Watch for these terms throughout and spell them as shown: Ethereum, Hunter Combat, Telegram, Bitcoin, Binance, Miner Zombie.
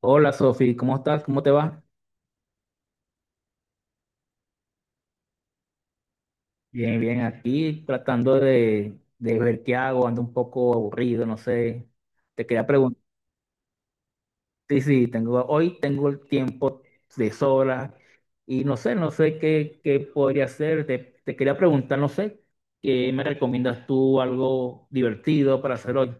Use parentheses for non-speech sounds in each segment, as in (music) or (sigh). Hola Sofi, ¿cómo estás? ¿Cómo te va? Bien, bien, aquí tratando de ver qué hago, ando un poco aburrido, no sé. Te quería preguntar, sí, sí, hoy tengo el tiempo de sobra y no sé, no sé qué podría hacer. Te quería preguntar, no sé, ¿qué me recomiendas tú algo divertido para hacer hoy?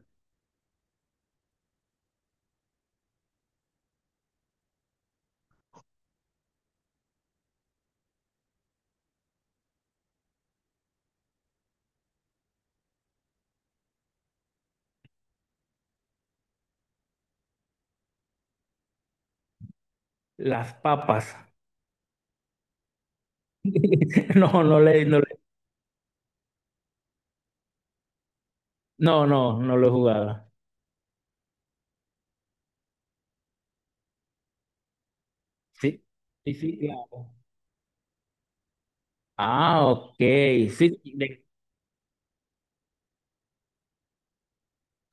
Las papas. (laughs) No, no le, no, le- no, no, no lo he jugado. Sí, sí, sí, claro. Ah, ok, sí,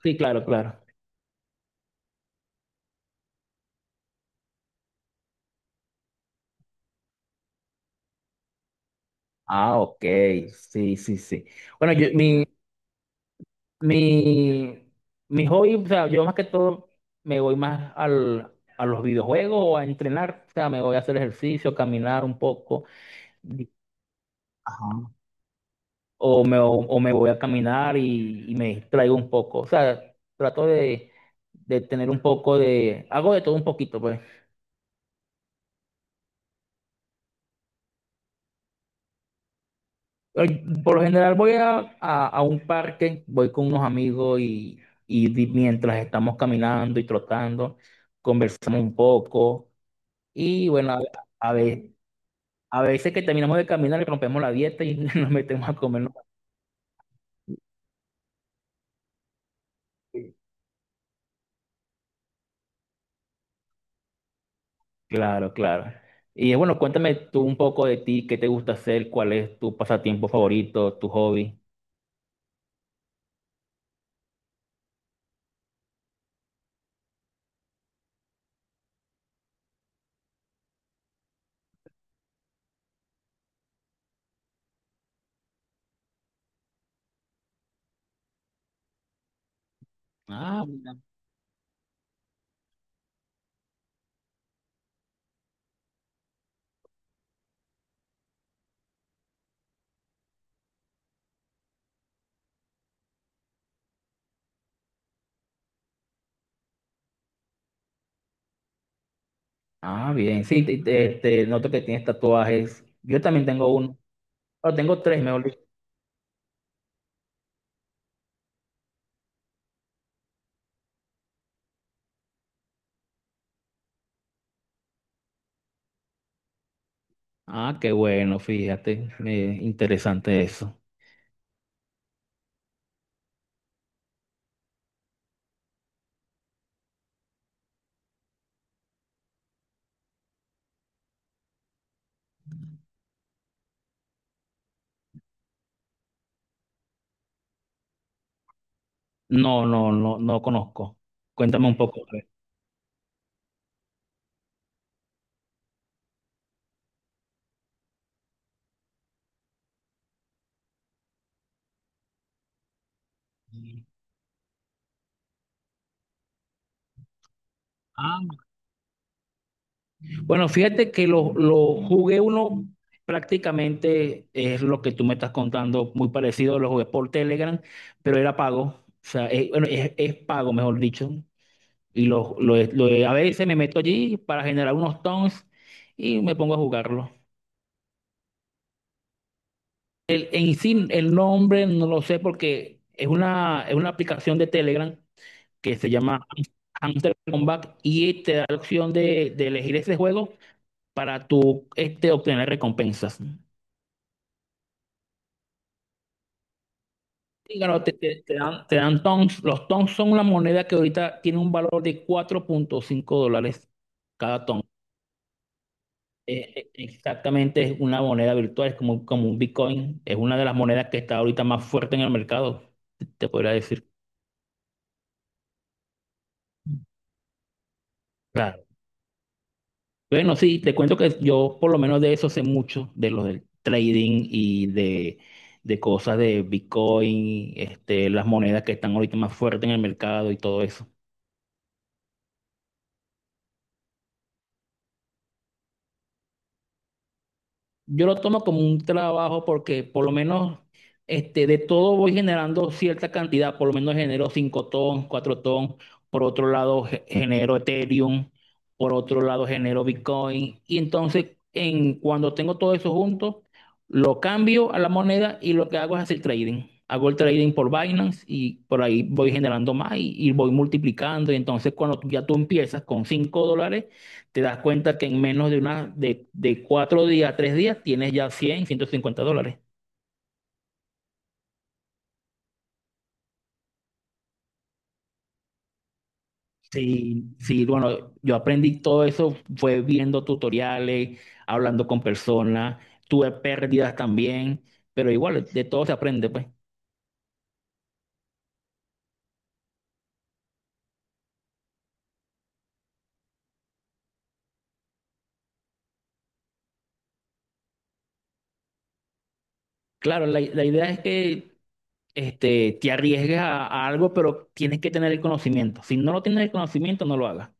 sí, claro, claro. Ah, ok, sí, sí, sí. Bueno, mi, mi hobby, o sea, yo más que todo me voy más a los videojuegos o a entrenar, o sea, me voy a hacer ejercicio, caminar un poco, di- Ajá. O me voy a caminar y me distraigo un poco, o sea, trato de tener un poco de, hago de todo un poquito, pues. Ay, por lo general voy a un parque, voy con unos amigos y mientras estamos caminando y trotando, conversamos un poco y bueno, a ve- a veces que terminamos de caminar y rompemos la dieta y (laughs) nos metemos a comer. Claro, claro. Y bueno, cuéntame tú un poco de ti, qué te gusta hacer, cuál es tu pasatiempo favorito, tu hobby. Ah, mira. Ah, bien, sí, te noto que tienes tatuajes. Yo también tengo uno, pero tengo tres, mejor. Ah, qué bueno, fíjate, interesante eso. No, no, no, no conozco. Cuéntame un poco. Ah, bueno, fíjate que lo jugué uno prácticamente es lo que tú me estás contando, muy parecido, lo jugué por Telegram, pero era pago, o sea, bueno, es pago, mejor dicho, a veces me meto allí para generar unos tons y me pongo a jugarlo. En sí, el nombre no lo sé porque es una aplicación de Telegram que se llama Hunter Combat y te da la opción de elegir ese juego para tú obtener recompensas. Y claro, te dan tons. Los tons son una moneda que ahorita tiene un valor de $4,5 cada ton. Exactamente es una moneda virtual, es como un Bitcoin. Es una de las monedas que está ahorita más fuerte en el mercado, te podría decir. Claro. Bueno, sí, te cuento que yo por lo menos de eso sé mucho, de lo del trading y de cosas de Bitcoin, las monedas que están ahorita más fuertes en el mercado y todo eso. Yo lo tomo como un trabajo porque por lo menos de todo voy generando cierta cantidad, por lo menos genero 5 ton, 4 ton, por otro lado genero Ethereum, por otro lado genero Bitcoin y entonces cuando tengo todo eso junto, lo cambio a la moneda y lo que hago es hacer trading. Hago el trading por Binance y por ahí voy generando más y voy multiplicando y entonces cuando ya tú empiezas con $5, te das cuenta que en menos de de 4 días, 3 días, tienes ya $150. Sí, sí, bueno, yo aprendí todo eso, fue viendo tutoriales, hablando con personas, tuve pérdidas también, pero igual, de todo se aprende, pues. Claro, la idea es que te arriesgues a algo, pero tienes que tener el conocimiento. Si no lo tienes el conocimiento, no lo hagas.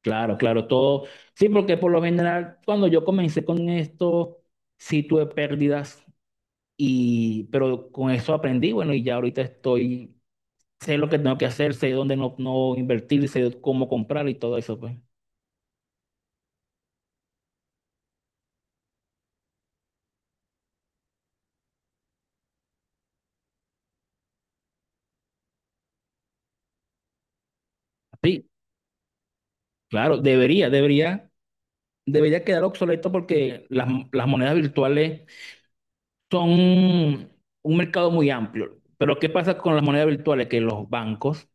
Claro, claro, todo. Sí, porque por lo general, cuando yo comencé con esto, sí tuve pérdidas pero con eso aprendí, bueno, y ya ahorita sé lo que tengo que hacer, sé dónde no invertir, sé cómo comprar y todo eso, pues. Sí, claro, debería quedar obsoleto porque las monedas virtuales son un mercado muy amplio. Pero ¿qué pasa con las monedas virtuales? Que los bancos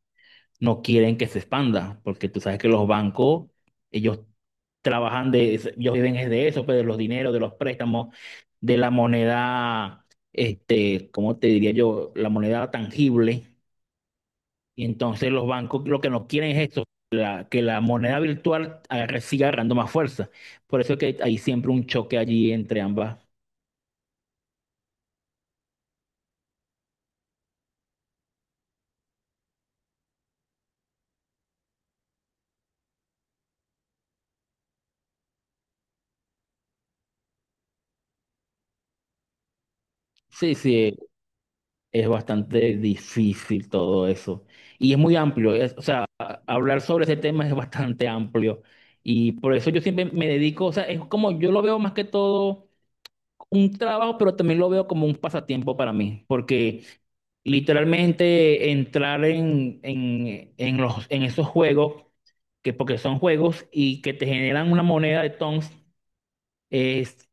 no quieren que se expanda, porque tú sabes que los bancos, ellos trabajan ellos viven es de eso, pues de los dineros, de los préstamos, de la moneda, ¿cómo te diría yo? La moneda tangible. Y entonces los bancos lo que no quieren es esto, que la moneda virtual siga agarrando más fuerza. Por eso es que hay siempre un choque allí entre ambas. Sí, sí, es bastante difícil todo eso. Y es muy amplio, o sea, hablar sobre ese tema es bastante amplio. Y por eso yo siempre me dedico, o sea, es como yo lo veo más que todo un trabajo, pero también lo veo como un pasatiempo para mí, porque literalmente entrar en esos juegos, que porque son juegos y que te generan una moneda de tons, es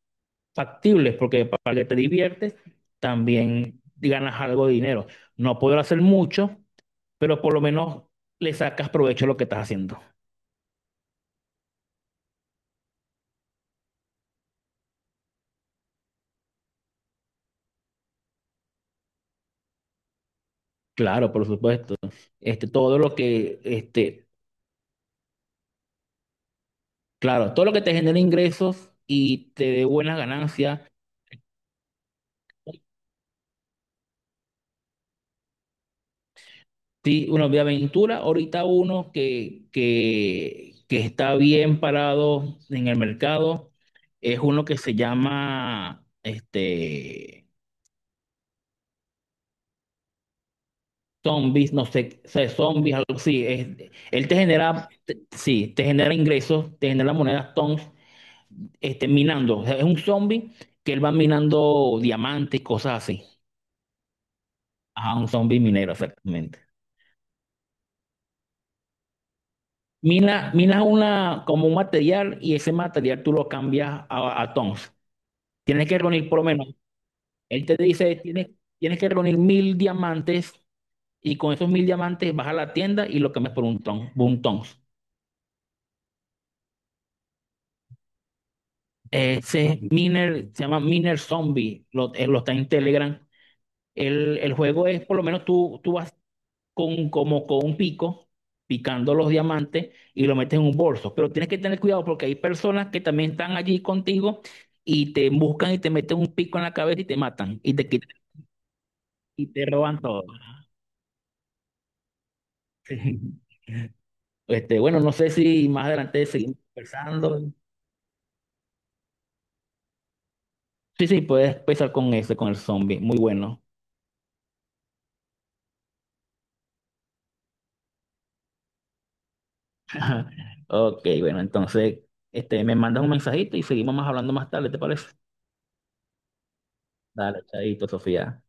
factible, porque para que te diviertes también ganas algo de dinero. No puedo hacer mucho, pero por lo menos le sacas provecho a lo que estás haciendo. Claro, por supuesto. Este, todo lo que este, Claro, todo lo que te genera ingresos y te dé buenas ganancias. Sí, bueno, de aventura, ahorita uno que está bien parado en el mercado es uno que se llama Zombies, no sé, o sea, Zombies, algo así. Él te genera, sí, te genera ingresos, te genera monedas tons, minando. O sea, es un zombie que él va minando diamantes y cosas así. Ajá, un zombie minero, exactamente. Minas una, como un material y ese material tú lo cambias a tons. Tienes que reunir por lo menos, él te dice, tienes que reunir 1.000 diamantes y con esos 1.000 diamantes vas a la tienda y lo cambias por un ton, por un tons. Se llama Miner Zombie, él lo está en Telegram. El juego es, por lo menos tú vas como con un pico, picando los diamantes y lo metes en un bolso. Pero tienes que tener cuidado porque hay personas que también están allí contigo y te buscan y te meten un pico en la cabeza y te matan y te quitan y te roban todo. (laughs) Bueno, no sé si más adelante seguimos conversando. Sí, sí, puedes empezar con ese, con el zombie. Muy bueno. (laughs) Ok, bueno, entonces, me mandas un mensajito y seguimos más hablando más tarde, ¿te parece? Dale, chaito, Sofía.